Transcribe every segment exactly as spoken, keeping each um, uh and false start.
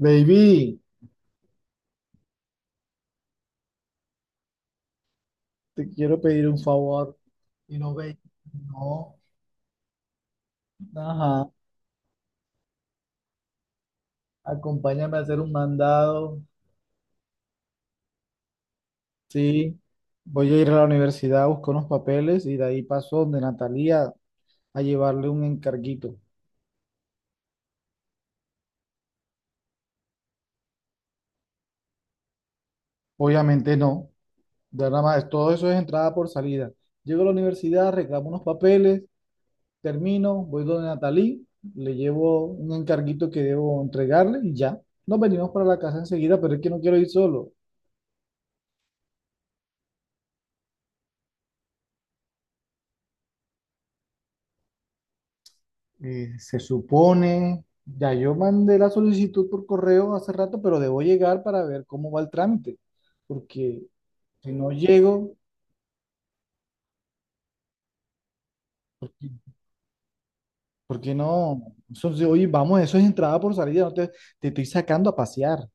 Baby, te quiero pedir un favor. Y no, baby, no. Ajá, acompáñame a hacer un mandado. Sí, voy a ir a la universidad, busco unos papeles y de ahí paso donde Natalia a llevarle un encarguito. Obviamente no, ya nada más, todo eso es entrada por salida. Llego a la universidad, reclamo unos papeles, termino, voy donde Natalie, le llevo un encarguito que debo entregarle y ya. Nos venimos para la casa enseguida, pero es que no quiero ir solo. Eh, se supone, ya yo mandé la solicitud por correo hace rato, pero debo llegar para ver cómo va el trámite, porque si no llego, ¿por qué, por qué no? Eso, sí, oye, vamos, eso es entrada por salida, no te, te estoy sacando a pasear.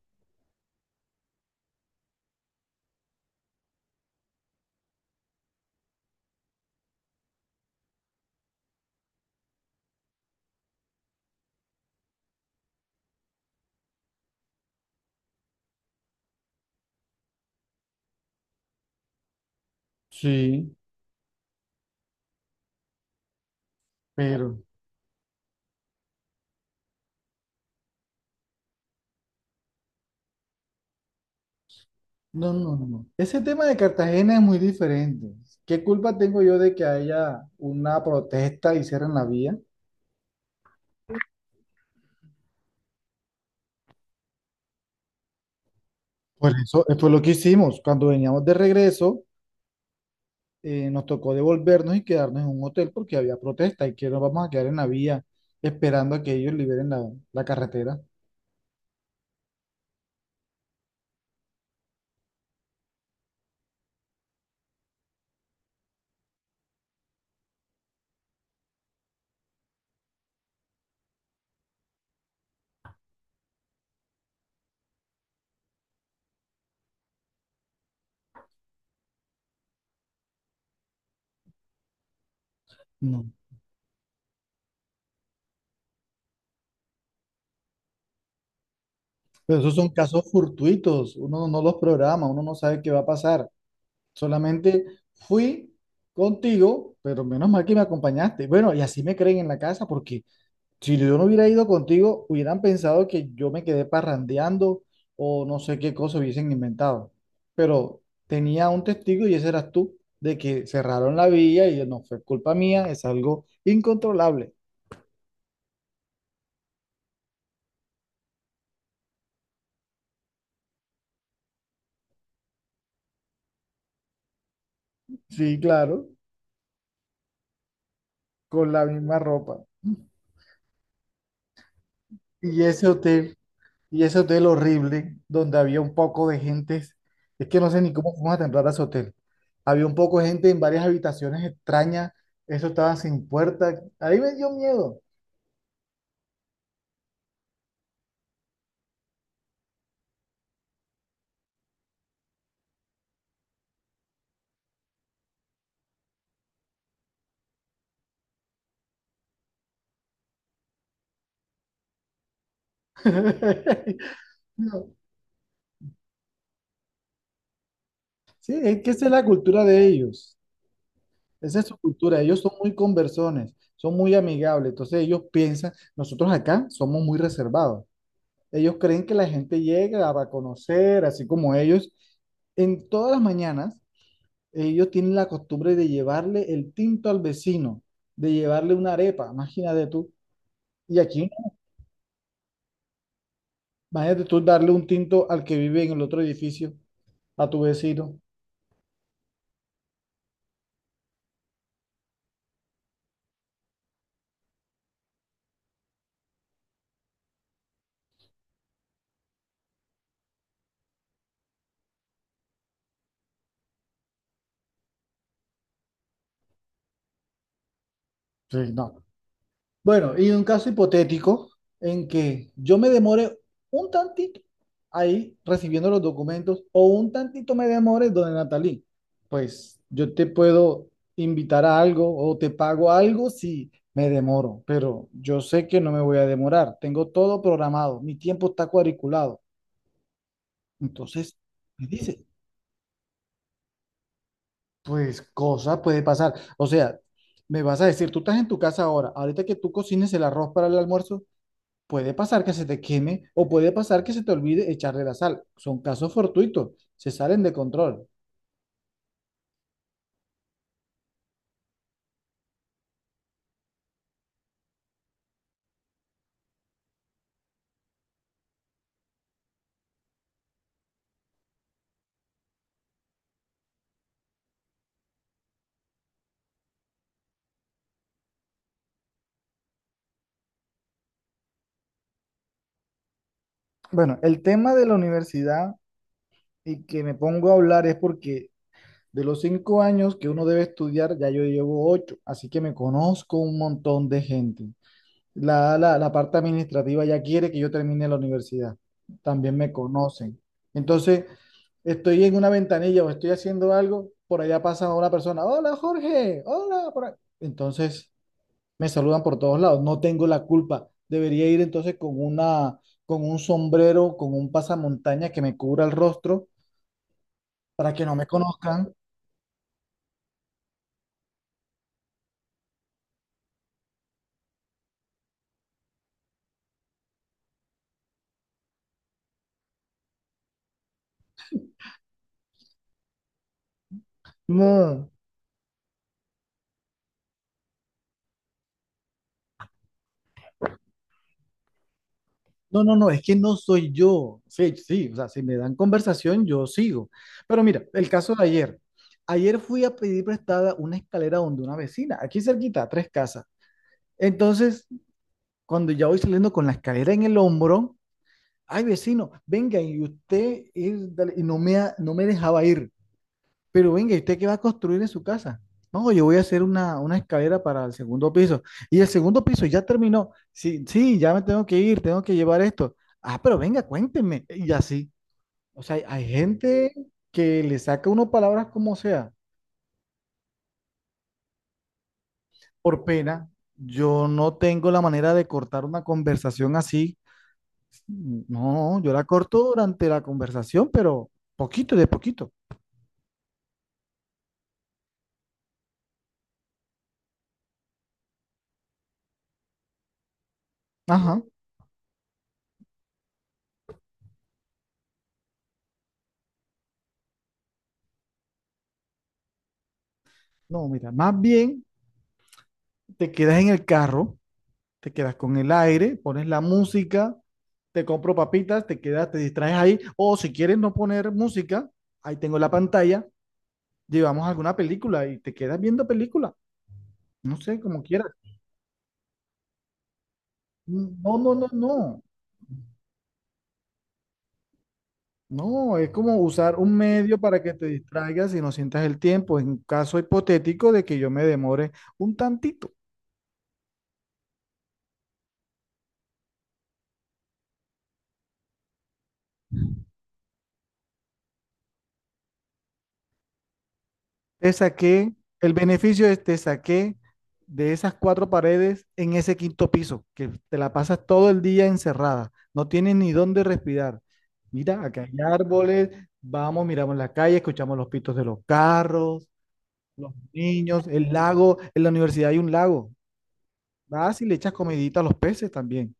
Sí, pero no, no, no. no. Ese tema de Cartagena es muy diferente. ¿Qué culpa tengo yo de que haya una protesta y cierren la vía? Pues eso, eso fue lo que hicimos cuando veníamos de regreso. Eh, nos tocó devolvernos y quedarnos en un hotel porque había protesta y que nos vamos a quedar en la vía esperando a que ellos liberen la, la carretera. No. Pero esos son casos fortuitos, uno no los programa, uno no sabe qué va a pasar. Solamente fui contigo, pero menos mal que me acompañaste. Bueno, y así me creen en la casa porque si yo no hubiera ido contigo, hubieran pensado que yo me quedé parrandeando o no sé qué cosa hubiesen inventado. Pero tenía un testigo y ese eras tú, de que cerraron la vía y no fue culpa mía, es algo incontrolable. Sí, claro, con la misma ropa. Y ese hotel, y ese hotel horrible, donde había un poco de gentes, es que no sé ni cómo fuimos a entrar a ese hotel. Había un poco de gente en varias habitaciones extrañas, eso estaba sin puerta. Ahí me dio miedo. No, sí, es que esa es la cultura de ellos. Esa es su cultura. Ellos son muy conversones, son muy amigables. Entonces ellos piensan, nosotros acá somos muy reservados. Ellos creen que la gente llega a conocer, así como ellos. En todas las mañanas, ellos tienen la costumbre de llevarle el tinto al vecino, de llevarle una arepa, imagínate tú. Y aquí, imagínate tú darle un tinto al que vive en el otro edificio, a tu vecino. Sí, no. Bueno, y un caso hipotético en que yo me demore un tantito ahí recibiendo los documentos o un tantito me demore, donde Natalí, pues yo te puedo invitar a algo o te pago algo si me demoro, pero yo sé que no me voy a demorar, tengo todo programado, mi tiempo está cuadriculado. Entonces, me dice, pues cosa puede pasar. O sea, me vas a decir, tú estás en tu casa ahora, ahorita que tú cocines el arroz para el almuerzo. Puede pasar que se te queme o puede pasar que se te olvide echarle la sal. Son casos fortuitos, se salen de control. Bueno, el tema de la universidad y que me pongo a hablar es porque de los cinco años que uno debe estudiar, ya yo llevo ocho, así que me conozco un montón de gente. La, la, la parte administrativa ya quiere que yo termine la universidad, también me conocen. Entonces, estoy en una ventanilla o estoy haciendo algo, por allá pasa una persona, hola Jorge, hola, por ahí". Entonces me saludan por todos lados, no tengo la culpa. Debería ir entonces con una, con un sombrero, con un pasamontaña que me cubra el rostro para que no me conozcan. No, no, no, no, es que no soy yo. Sí, sí, o sea, si me dan conversación, yo sigo. Pero mira, el caso de ayer. Ayer fui a pedir prestada una escalera donde una vecina, aquí cerquita, a tres casas. Entonces, cuando ya voy saliendo con la escalera en el hombro, ay, vecino, venga, y usted, y, dale, y no me, ha- no me dejaba ir. Pero venga, ¿y usted qué va a construir en su casa? No, yo voy a hacer una, una escalera para el segundo piso. Y el segundo piso ya terminó. Sí, sí, ya me tengo que ir, tengo que llevar esto. Ah, pero venga, cuéntenme. Y así. O sea, hay gente que le saca uno palabras como sea, por pena. Yo no tengo la manera de cortar una conversación así. No, yo la corto durante la conversación, pero poquito de poquito. Ajá. No, mira, más bien te quedas en el carro, te quedas con el aire, pones la música, te compro papitas, te quedas, te distraes ahí, o si quieres no poner música, ahí tengo la pantalla, llevamos alguna película y te quedas viendo película, no sé, como quieras. No, no, no, no. No, es como usar un medio para que te distraigas y no sientas el tiempo, en caso hipotético de que yo me demore un tantito. Te saqué, el beneficio es te saqué de esas cuatro paredes en ese quinto piso, que te la pasas todo el día encerrada, no tienes ni dónde respirar. Mira, acá hay árboles, vamos, miramos la calle, escuchamos los pitos de los carros, los niños, el lago, en la universidad hay un lago. Vas y le echas comidita a los peces también.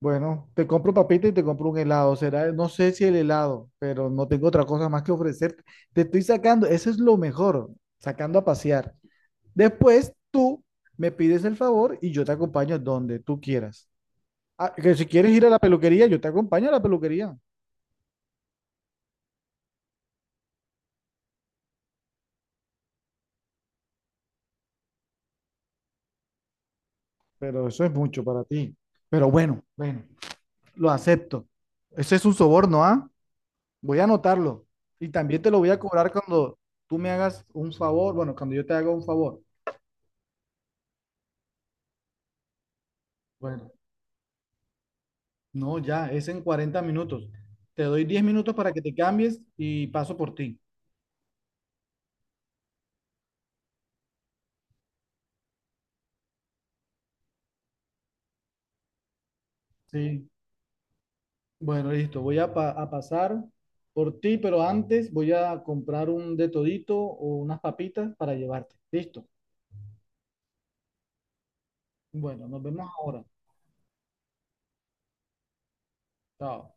Bueno, te compro papita y te compro un helado. Será, no sé si el helado, pero no tengo otra cosa más que ofrecerte. Te estoy sacando, eso es lo mejor, sacando a pasear. Después tú me pides el favor y yo te acompaño donde tú quieras. Ah, que si quieres ir a la peluquería, yo te acompaño a la peluquería, pero eso es mucho para ti. Pero bueno, bueno, lo acepto. Ese es un soborno, ¿ah? Voy a anotarlo. Y también te lo voy a cobrar cuando tú me hagas un favor, bueno, cuando yo te haga un favor. Bueno, no, ya, es en cuarenta minutos. Te doy diez minutos para que te cambies y paso por ti. Sí. Bueno, listo. Voy a, pa- a pasar por ti, pero antes voy a comprar un de todito o unas papitas para llevarte. Listo. Bueno, nos vemos ahora. Chao.